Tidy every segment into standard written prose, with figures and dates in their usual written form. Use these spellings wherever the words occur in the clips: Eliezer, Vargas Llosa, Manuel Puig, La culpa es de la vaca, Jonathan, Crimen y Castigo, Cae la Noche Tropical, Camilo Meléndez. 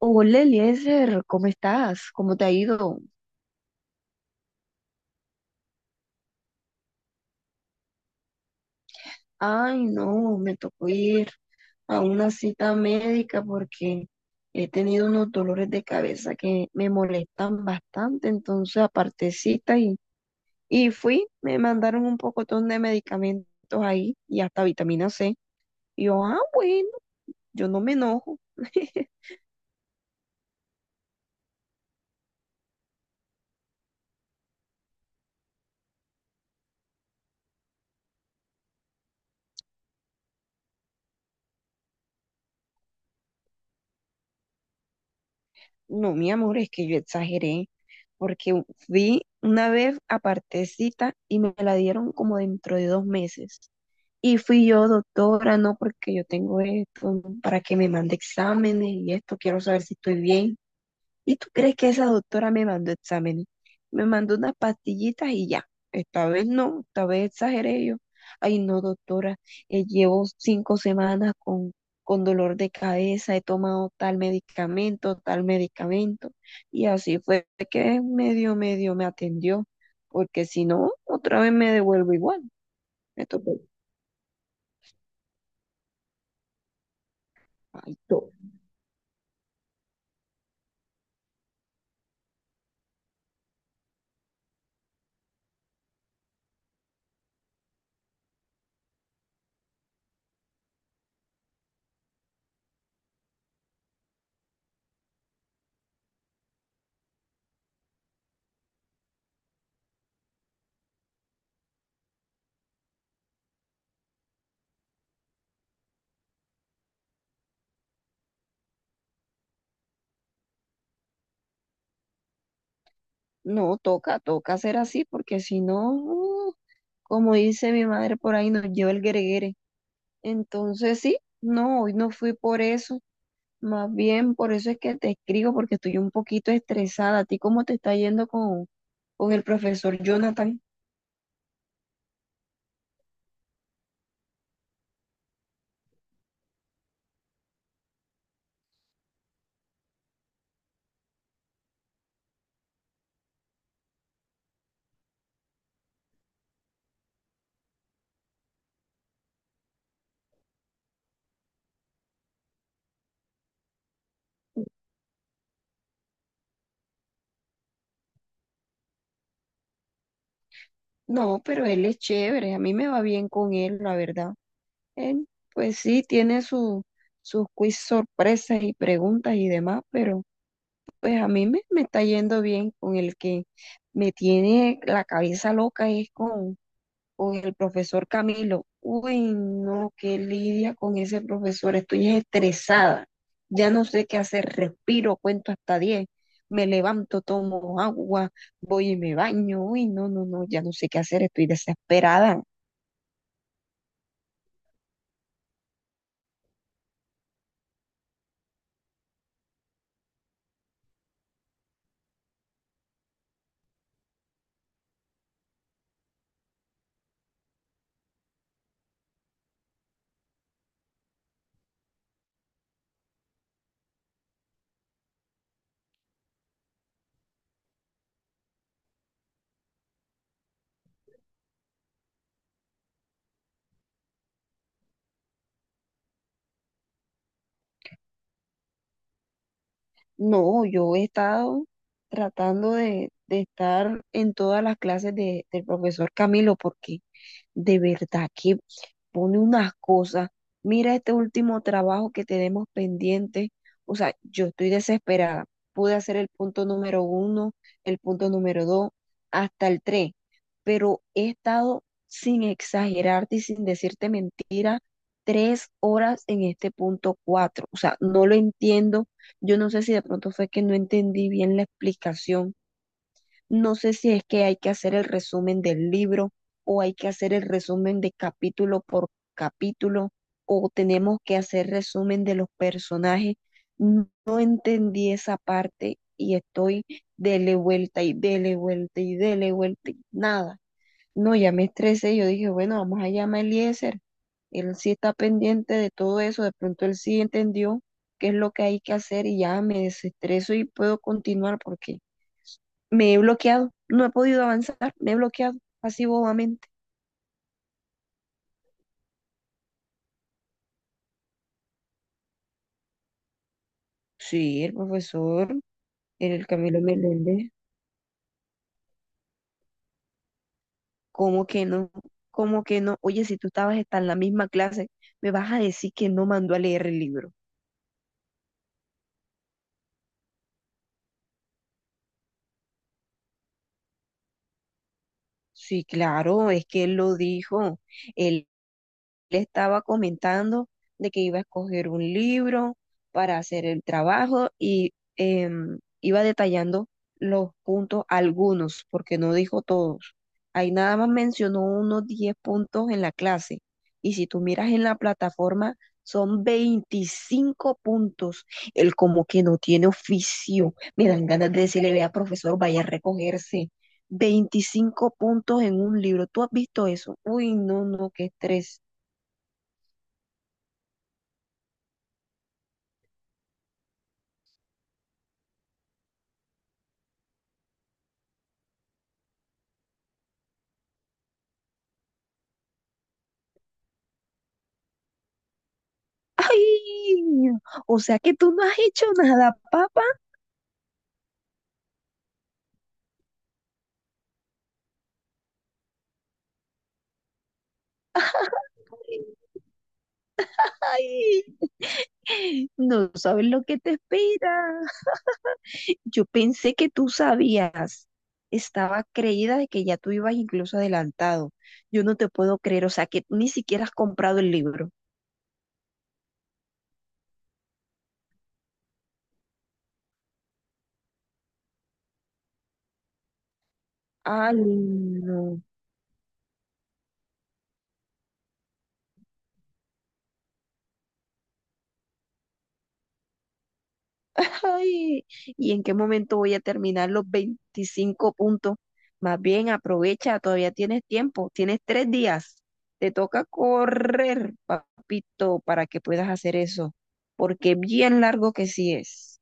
Hola Eliezer, ¿cómo estás? ¿Cómo te ha ido? Ay, no, me tocó ir a una cita médica porque he tenido unos dolores de cabeza que me molestan bastante, entonces aparte cita y fui, me mandaron un pocotón de medicamentos ahí y hasta vitamina C. Y yo, ah, bueno, yo no me enojo. No, mi amor, es que yo exageré, porque fui una vez a cita y me la dieron como dentro de 2 meses. Y fui yo, doctora, no, porque yo tengo esto, ¿no?, para que me mande exámenes y esto, quiero saber si estoy bien. ¿Y tú crees que esa doctora me mandó exámenes? Me mandó unas pastillitas y ya. Esta vez no, esta vez exageré yo. Ay, no, doctora, llevo 5 semanas con dolor de cabeza, he tomado tal medicamento, tal medicamento. Y así fue que medio, medio me atendió, porque si no, otra vez me devuelvo igual. Me tocó. Ay, no. No, toca, toca hacer así, porque si no, como dice mi madre por ahí, nos lleva el greguere. Entonces sí, no, hoy no fui por eso, más bien por eso es que te escribo, porque estoy un poquito estresada. ¿A ti cómo te está yendo con el profesor Jonathan? No, pero él es chévere, a mí me va bien con él, la verdad. Él, pues sí, tiene su, sus quiz sorpresas y preguntas y demás, pero... Pues a mí me está yendo bien con el que me tiene la cabeza loca es con el profesor Camilo. Uy, no, qué lidia con ese profesor. Estoy estresada. Ya no sé qué hacer. Respiro, cuento hasta 10. Me levanto, tomo agua, voy y me baño. Uy, no, no, no, ya no sé qué hacer. Estoy desesperada. No, yo he estado tratando de estar en todas las clases del profesor Camilo porque de verdad que pone unas cosas. Mira este último trabajo que tenemos pendiente. O sea, yo estoy desesperada. Pude hacer el punto número 1, el punto número 2, hasta el 3, pero he estado sin exagerarte y sin decirte mentira 3 horas en este punto 4. O sea, no lo entiendo. Yo no sé si de pronto fue que no entendí bien la explicación, no sé si es que hay que hacer el resumen del libro o hay que hacer el resumen de capítulo por capítulo o tenemos que hacer resumen de los personajes. No entendí esa parte y estoy dele vuelta y dele vuelta y dele vuelta y nada. No, ya me estresé. Yo dije, bueno, vamos a llamar a Eliezer. Él sí está pendiente de todo eso. De pronto él sí entendió qué es lo que hay que hacer y ya me desestreso y puedo continuar porque me he bloqueado, no he podido avanzar, me he bloqueado, así bobamente. Sí, el profesor, el Camilo Meléndez. ¿Cómo que no? ¿Cómo que no? Oye, si tú estabas hasta en la misma clase, me vas a decir que no mandó a leer el libro. Sí, claro, es que él lo dijo. Él le estaba comentando de que iba a escoger un libro para hacer el trabajo y iba detallando los puntos, algunos, porque no dijo todos. Ahí nada más mencionó unos 10 puntos en la clase. Y si tú miras en la plataforma, son 25 puntos. Él como que no tiene oficio. Me dan ganas de decirle, vea, profesor, vaya a recogerse. 25 puntos en un libro. ¿Tú has visto eso? Uy, no, no, qué estrés. Ay, o sea que tú no has hecho nada, papá. Ay, no sabes lo que te espera. Yo pensé que tú sabías. Estaba creída de que ya tú ibas incluso adelantado. Yo no te puedo creer, o sea que ni siquiera has comprado el libro. Ay, no. Ay, ¿y en qué momento voy a terminar los 25 puntos? Más bien aprovecha, todavía tienes tiempo, tienes 3 días. Te toca correr, papito, para que puedas hacer eso, porque bien largo que sí es.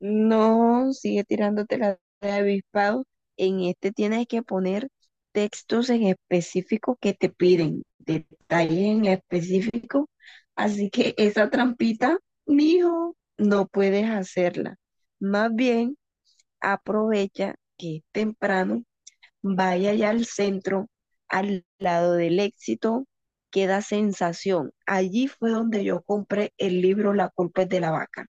No, sigue tirándote la de avispado. En este tienes que poner textos en específico que te piden, detalles en específico. Así que esa trampita, mijo, no puedes hacerla. Más bien, aprovecha que es temprano, vaya ya al centro, al lado del éxito, queda sensación. Allí fue donde yo compré el libro La culpa es de la vaca.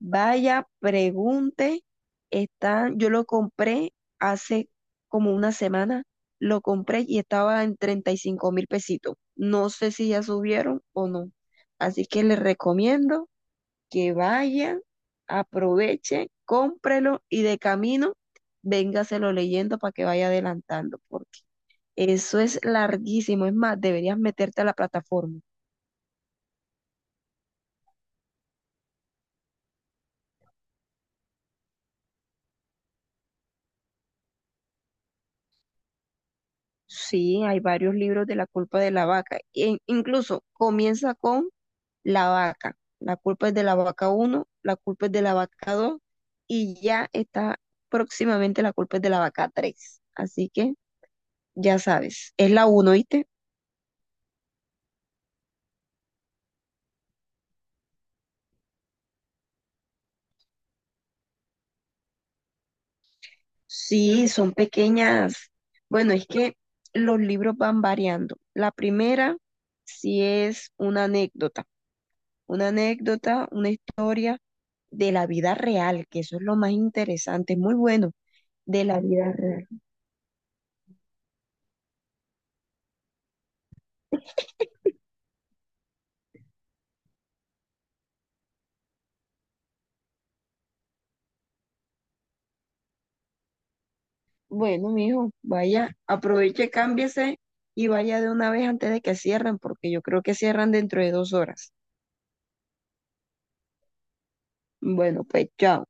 Vaya, pregunte, está, yo lo compré hace como una semana, lo compré y estaba en 35.000 pesitos. No sé si ya subieron o no. Así que les recomiendo que vayan, aprovechen, cómprelo y de camino véngaselo leyendo para que vaya adelantando, porque eso es larguísimo. Es más, deberías meterte a la plataforma. Sí, hay varios libros de La culpa de la vaca, e incluso comienza con la vaca. La culpa es de la vaca 1, la culpa es de la vaca 2 y ya está próximamente la culpa es de la vaca 3. Así que ya sabes, es la uno, ¿viste? Sí, son pequeñas. Bueno, es que los libros van variando. La primera sí es una anécdota, una anécdota, una historia de la vida real, que eso es lo más interesante, muy bueno, de la vida real. Bueno, mijo, vaya, aproveche, cámbiese y vaya de una vez antes de que cierren, porque yo creo que cierran dentro de 2 horas. Bueno, pues chao.